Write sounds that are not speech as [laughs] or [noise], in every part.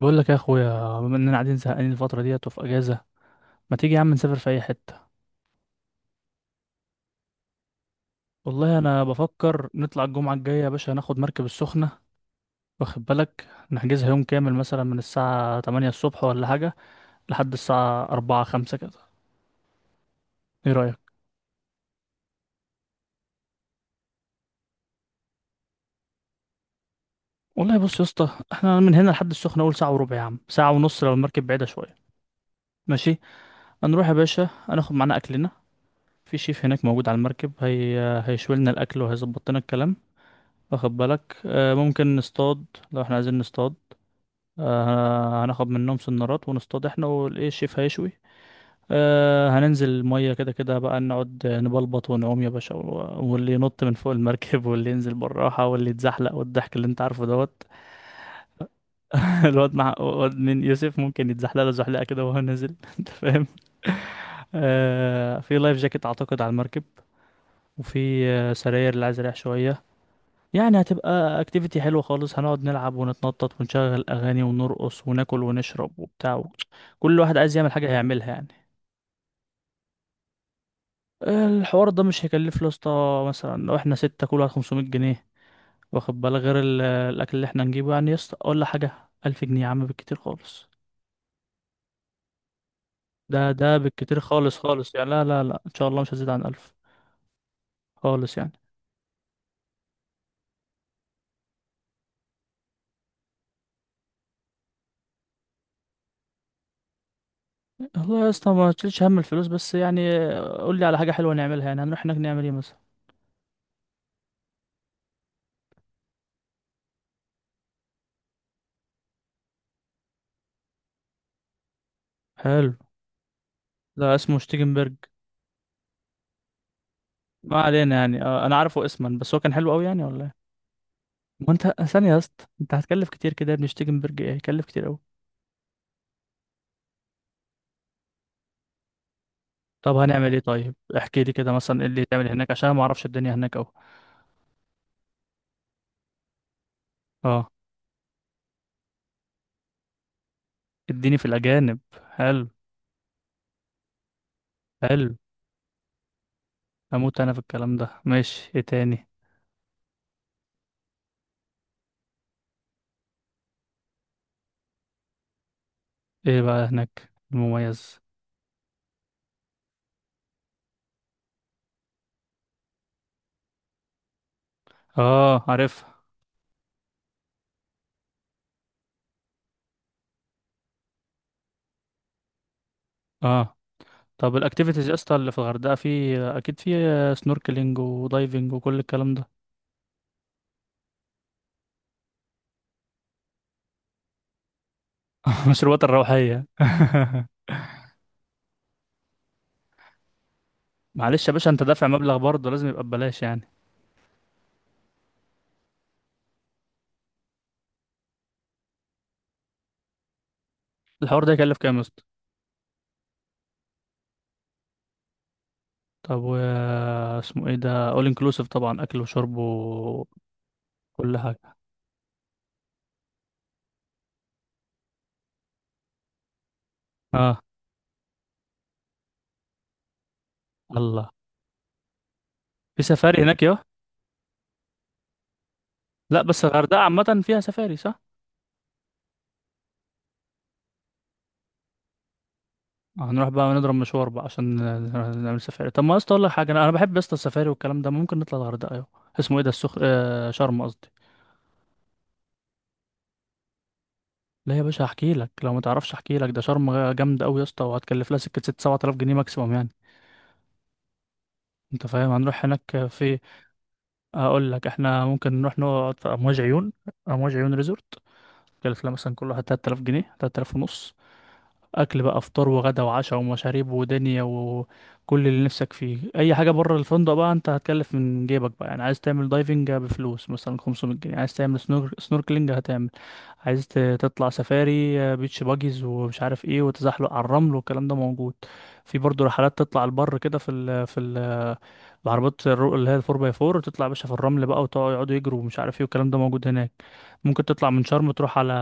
بقول لك يا اخويا، بما اننا قاعدين زهقانين الفتره ديت وفي اجازه، ما تيجي يا عم نسافر في اي حته؟ والله انا بفكر نطلع الجمعه الجايه يا باشا، ناخد مركب السخنه. واخد بالك، نحجزها يوم كامل مثلا من الساعه 8 الصبح ولا حاجه لحد الساعه 4 5 كده. ايه رايك؟ والله بص يا اسطى، احنا من هنا لحد السخنه اول ساعه وربع يا عم، ساعه ونص لو المركب بعيده شويه. ماشي. هنروح يا باشا، هناخد معانا اكلنا. في شيف هناك موجود على المركب هي، هيشوي لنا الاكل وهيظبط لنا الكلام. واخد بالك، ممكن نصطاد. لو احنا عايزين نصطاد، هناخد منهم سنارات ونصطاد احنا والايه، الشيف هيشوي. هننزل المية كده كده بقى، نقعد نبلبط ونعوم يا باشا، واللي ينط من فوق المركب، واللي ينزل بالراحة، واللي يتزحلق، والضحك اللي انت عارفه دوت. [laughs] الواد مع الواد من يوسف ممكن يتزحلق له زحلقة كده وهو نازل. [laughs] انت فاهم؟ في لايف جاكيت اعتقد على المركب، وفي سراير اللي عايز يريح شوية. يعني هتبقى اكتيفيتي حلوة خالص، هنقعد نلعب ونتنطط ونشغل اغاني ونرقص وناكل ونشرب وبتاع. كل واحد عايز يعمل حاجة هيعملها يعني. الحوار ده مش هيكلف له يا اسطى، مثلا لو احنا ستة، كل واحد 500 جنيه. واخد بالك، غير الاكل اللي احنا نجيبه يعني يا اسطى ولا حاجة. 1000 جنيه يا عم بالكتير خالص. ده بالكتير خالص خالص يعني، لا لا لا ان شاء الله مش هزيد عن 1000 خالص يعني. والله يا اسطى ما تشيلش هم الفلوس بس يعني. قول لي على حاجة حلوة نعملها، يعني هنروح هناك نعمل ايه مثلا؟ حلو. لا، اسمه شتيجنبرج. ما علينا يعني، انا عارفه اسما، بس هو كان حلو قوي يعني ولا ايه؟ ما انت ثانيه يا اسطى، انت هتكلف كتير كده يا ابني. شتيجنبرج ايه؟ هيكلف كتير قوي. طب هنعمل ايه طيب؟ احكي لي كده مثلا، ايه اللي تعمل هناك؟ عشان أنا ما اعرفش الدنيا هناك قوي. اه. اديني في الاجانب. حلو. حلو. اموت انا في الكلام ده. ماشي، ايه تاني؟ ايه بقى هناك المميز؟ اه، عارفها. اه. طب الاكتيفيتيز يا اسطى اللي في الغردقه، في اكيد في سنوركلينج ودايفنج وكل الكلام ده. [laughs] مشروبات الروحيه. [laughs] معلش يا باشا، انت دافع مبلغ برضه لازم يبقى ببلاش يعني. الحوار ده يكلف كام يا اسطى؟ طب و، اسمه ايه ده، اول انكلوسيف طبعا، اكل وشرب وكل حاجه؟ اه. الله. في سفاري هناك يا، لا بس الغردقه عامه فيها سفاري صح؟ هنروح بقى نضرب مشوار بقى عشان نعمل سفاري. طب ما يا اسطى اقول لك حاجه، انا بحب يا اسطى السفاري والكلام ده. ممكن نطلع الغردقه، يا اسمه ايه ده، السخ شرم قصدي. لا يا باشا احكي لك لو ما تعرفش، احكي لك. ده شرم جامده قوي يا اسطى، وهتكلف لها سكه 6 7000 جنيه ماكسيموم يعني. انت فاهم؟ هنروح هناك في، هقول لك احنا ممكن نروح نقعد في امواج عيون. امواج عيون ريزورت. كلف لها مثلا كل واحد 3000 جنيه، 3000 ونص. اكل بقى، فطار وغدا وعشاء ومشاريب ودنيا وكل اللي نفسك فيه. اي حاجه بره الفندق بقى انت هتكلف من جيبك بقى، يعني عايز تعمل دايفنج بفلوس مثلا 500 جنيه. عايز تعمل سنوركلينج هتعمل. عايز تطلع سفاري، بيتش باجيز ومش عارف ايه، وتزحلق على الرمل، والكلام ده موجود. في برضه رحلات تطلع البر كده في بعربات اللي هي الفور باي فور، وتطلع يا باشا في الرمل بقى، وتقعدوا يجروا، ومش عارف ايه، والكلام ده موجود هناك. ممكن تطلع من شرم تروح على،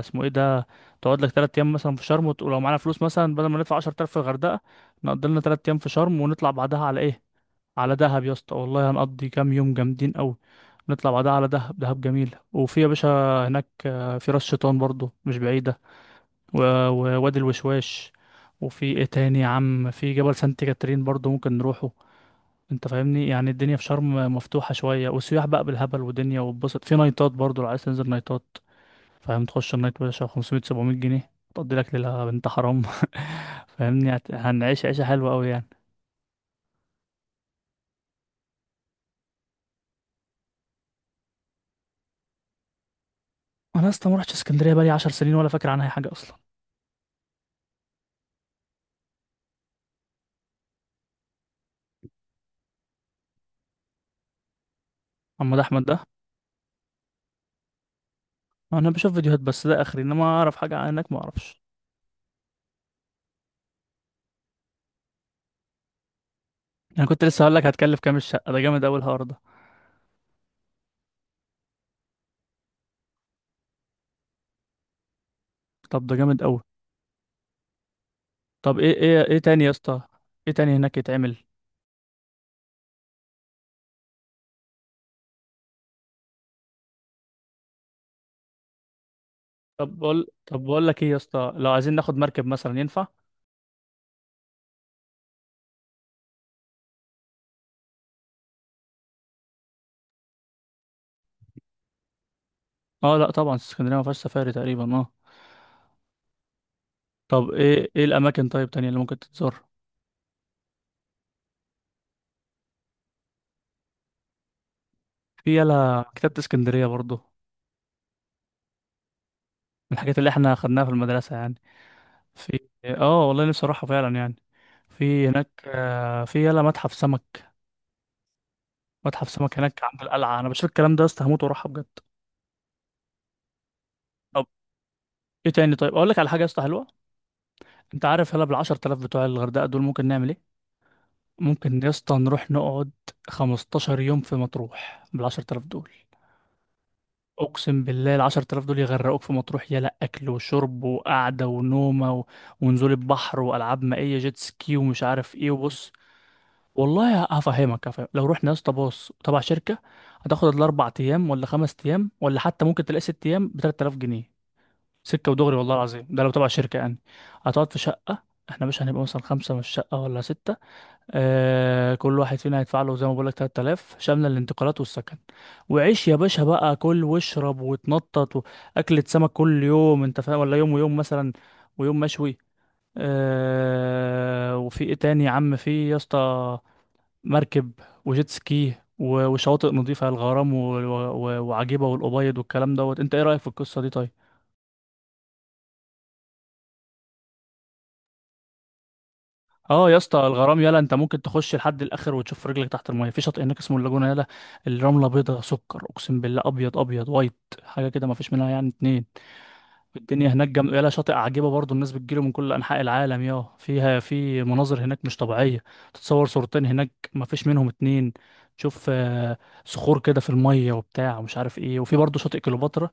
اسمه ايه ده، تقعد لك تلات أيام مثلا في شرم، ولو معانا فلوس مثلا، بدل ما ندفع 10,000 في الغردقة، نقضي لنا تلات أيام في شرم ونطلع بعدها على إيه؟ على دهب يا اسطى، والله هنقضي كام يوم جامدين أوي. نطلع بعدها على دهب، دهب جميل. وفي يا باشا هناك في راس شيطان برضو مش بعيدة، ووادي الوشواش. وفي ايه تاني يا عم، في جبل سانت كاترين برضو ممكن نروحه. انت فاهمني؟ يعني الدنيا في شرم مفتوحة شوية، والسياح بقى بالهبل، ودنيا وبسط. في نايتات برضو لو عايز تنزل نايتات. فاهم؟ تخش النايت باشا 500 700 جنيه، تقضي لك ليلة بنت حرام. [laughs] فاهمني؟ هنعيش عيشة حلوة أوي يعني. أنا أصلا ما رحتش اسكندرية بقالي 10 سنين، ولا فاكر عنها أي حاجة أصلا. محمد أحمد ده؟ أنا بشوف فيديوهات بس، ده آخري. إنما أعرف حاجة عنك؟ ما أعرفش. أنا كنت لسه هقول لك، هتكلف كام الشقة ده؟ جامد أوي الحوار ده. طب ده جامد أوي. طب إيه، إيه تاني يا اسطى؟ إيه تاني هناك يتعمل؟ طب بقول لك إيه يا اسطى، لو عايزين ناخد مركب مثلا، ينفع؟ أه لأ طبعا، اسكندرية ما فيهاش سفاري تقريبا، أه. طب إيه، إيه الأماكن طيب تانية اللي ممكن تتزار؟ في يلا كتابة اسكندرية برضو، من الحاجات اللي احنا خدناها في المدرسة يعني. في، اه والله نفسي اروحها فعلا يعني. في هناك في يلا متحف سمك. متحف سمك هناك عند القلعة، انا بشوف الكلام ده يا اسطى هموت واروحها بجد. طب ايه تاني طيب؟ اقول لك على حاجة يا اسطى حلوة. انت عارف يلا بال 10,000 بتوع الغردقة دول ممكن نعمل ايه؟ ممكن يا اسطى نروح نقعد 15 يوم في مطروح بال 10,000 دول. اقسم بالله العشر تلاف دول يغرقوك في مطروح. يلا اكل وشرب وقعده ونومه و، ونزول البحر والعاب مائيه جيت سكي ومش عارف ايه، وبص. والله هفهمك هفهمك. لو رحنا يا اسطى باص تبع شركه، هتاخد الاربع ايام ولا خمس ايام، ولا حتى ممكن تلاقي ست ايام ب 3000 جنيه، سكه ودغري والله العظيم، ده لو تبع شركه يعني. هتقعد في شقه. احنا مش هنبقى مثلا خمسه من الشقه ولا سته؟ آه، كل واحد فينا هيدفع له زي ما بقول لك 3000، شامله الانتقالات والسكن. وعيش يا باشا بقى، كل واشرب وتنطط. واكلة سمك كل يوم، انت فاهم، ولا يوم ويوم مثلا، ويوم مشوي. آه، وفي ايه تاني يا عم، في يا اسطى مركب، وجيت سكي، وشواطئ نظيفة الغرام، وعجيبة والأبيض، والكلام دوت. انت ايه رأيك في القصة دي طيب؟ اه يا اسطى، الغرام يلا انت ممكن تخش لحد الاخر وتشوف رجلك تحت الميه. في شاطئ هناك اسمه اللاجونه، يلا الرمله بيضه سكر، اقسم بالله ابيض، ابيض وايت، حاجه كده ما فيش منها يعني اتنين. الدنيا هناك يلا شاطئ عجيبه برضو، الناس بتجيله من كل انحاء العالم يا، فيها في مناظر هناك مش طبيعيه. تتصور صورتين هناك ما فيش منهم اتنين. تشوف صخور كده في الميه وبتاع ومش عارف ايه. وفي برضو شاطئ كليوباترا.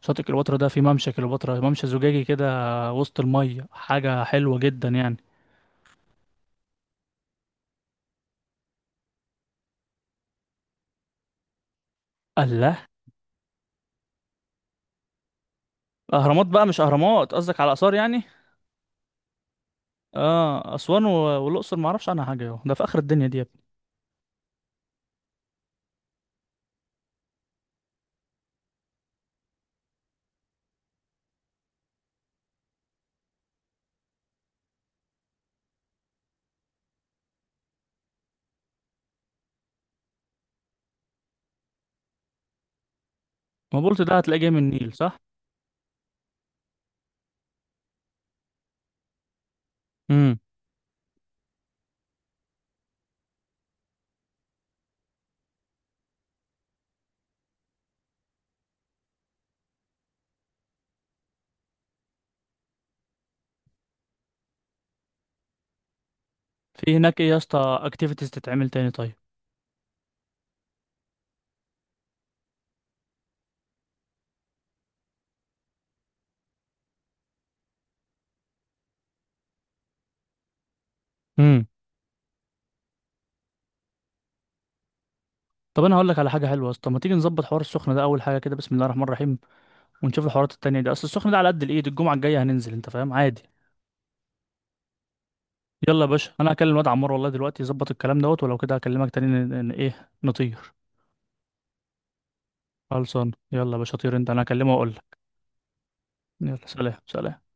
شاطئ كليوباترا ده في ممشى كليوباترا، ممشى زجاجي كده وسط الميه، حاجه حلوه جدا يعني. الله. اهرامات بقى؟ مش اهرامات، قصدك على اثار يعني؟ اه، اسوان و، والاقصر ما اعرفش عنها حاجه، اهو ده في اخر الدنيا دي يا ابني. ما بولت ده هتلاقيه جاي من النيل صح؟ امم في هناك ايه يا اسطى اكتيفيتيز تتعمل تاني طيب؟ امم طب انا هقول لك على حاجه حلوه يا اسطى، ما تيجي نظبط حوار السخنه ده اول حاجه كده، بسم الله الرحمن الرحيم. ونشوف الحوارات التانية دي، اصل السخنه ده على قد الايد، الجمعه الجايه هننزل، انت فاهم، عادي. يلا يا باشا، انا هكلم الواد عمار والله دلوقتي يظبط الكلام دوت، ولو كده هكلمك تاني ن... ن... ايه نطير. خلصان، يلا يا باشا طير انت، انا هكلمه واقول لك. يلا سلام سلام.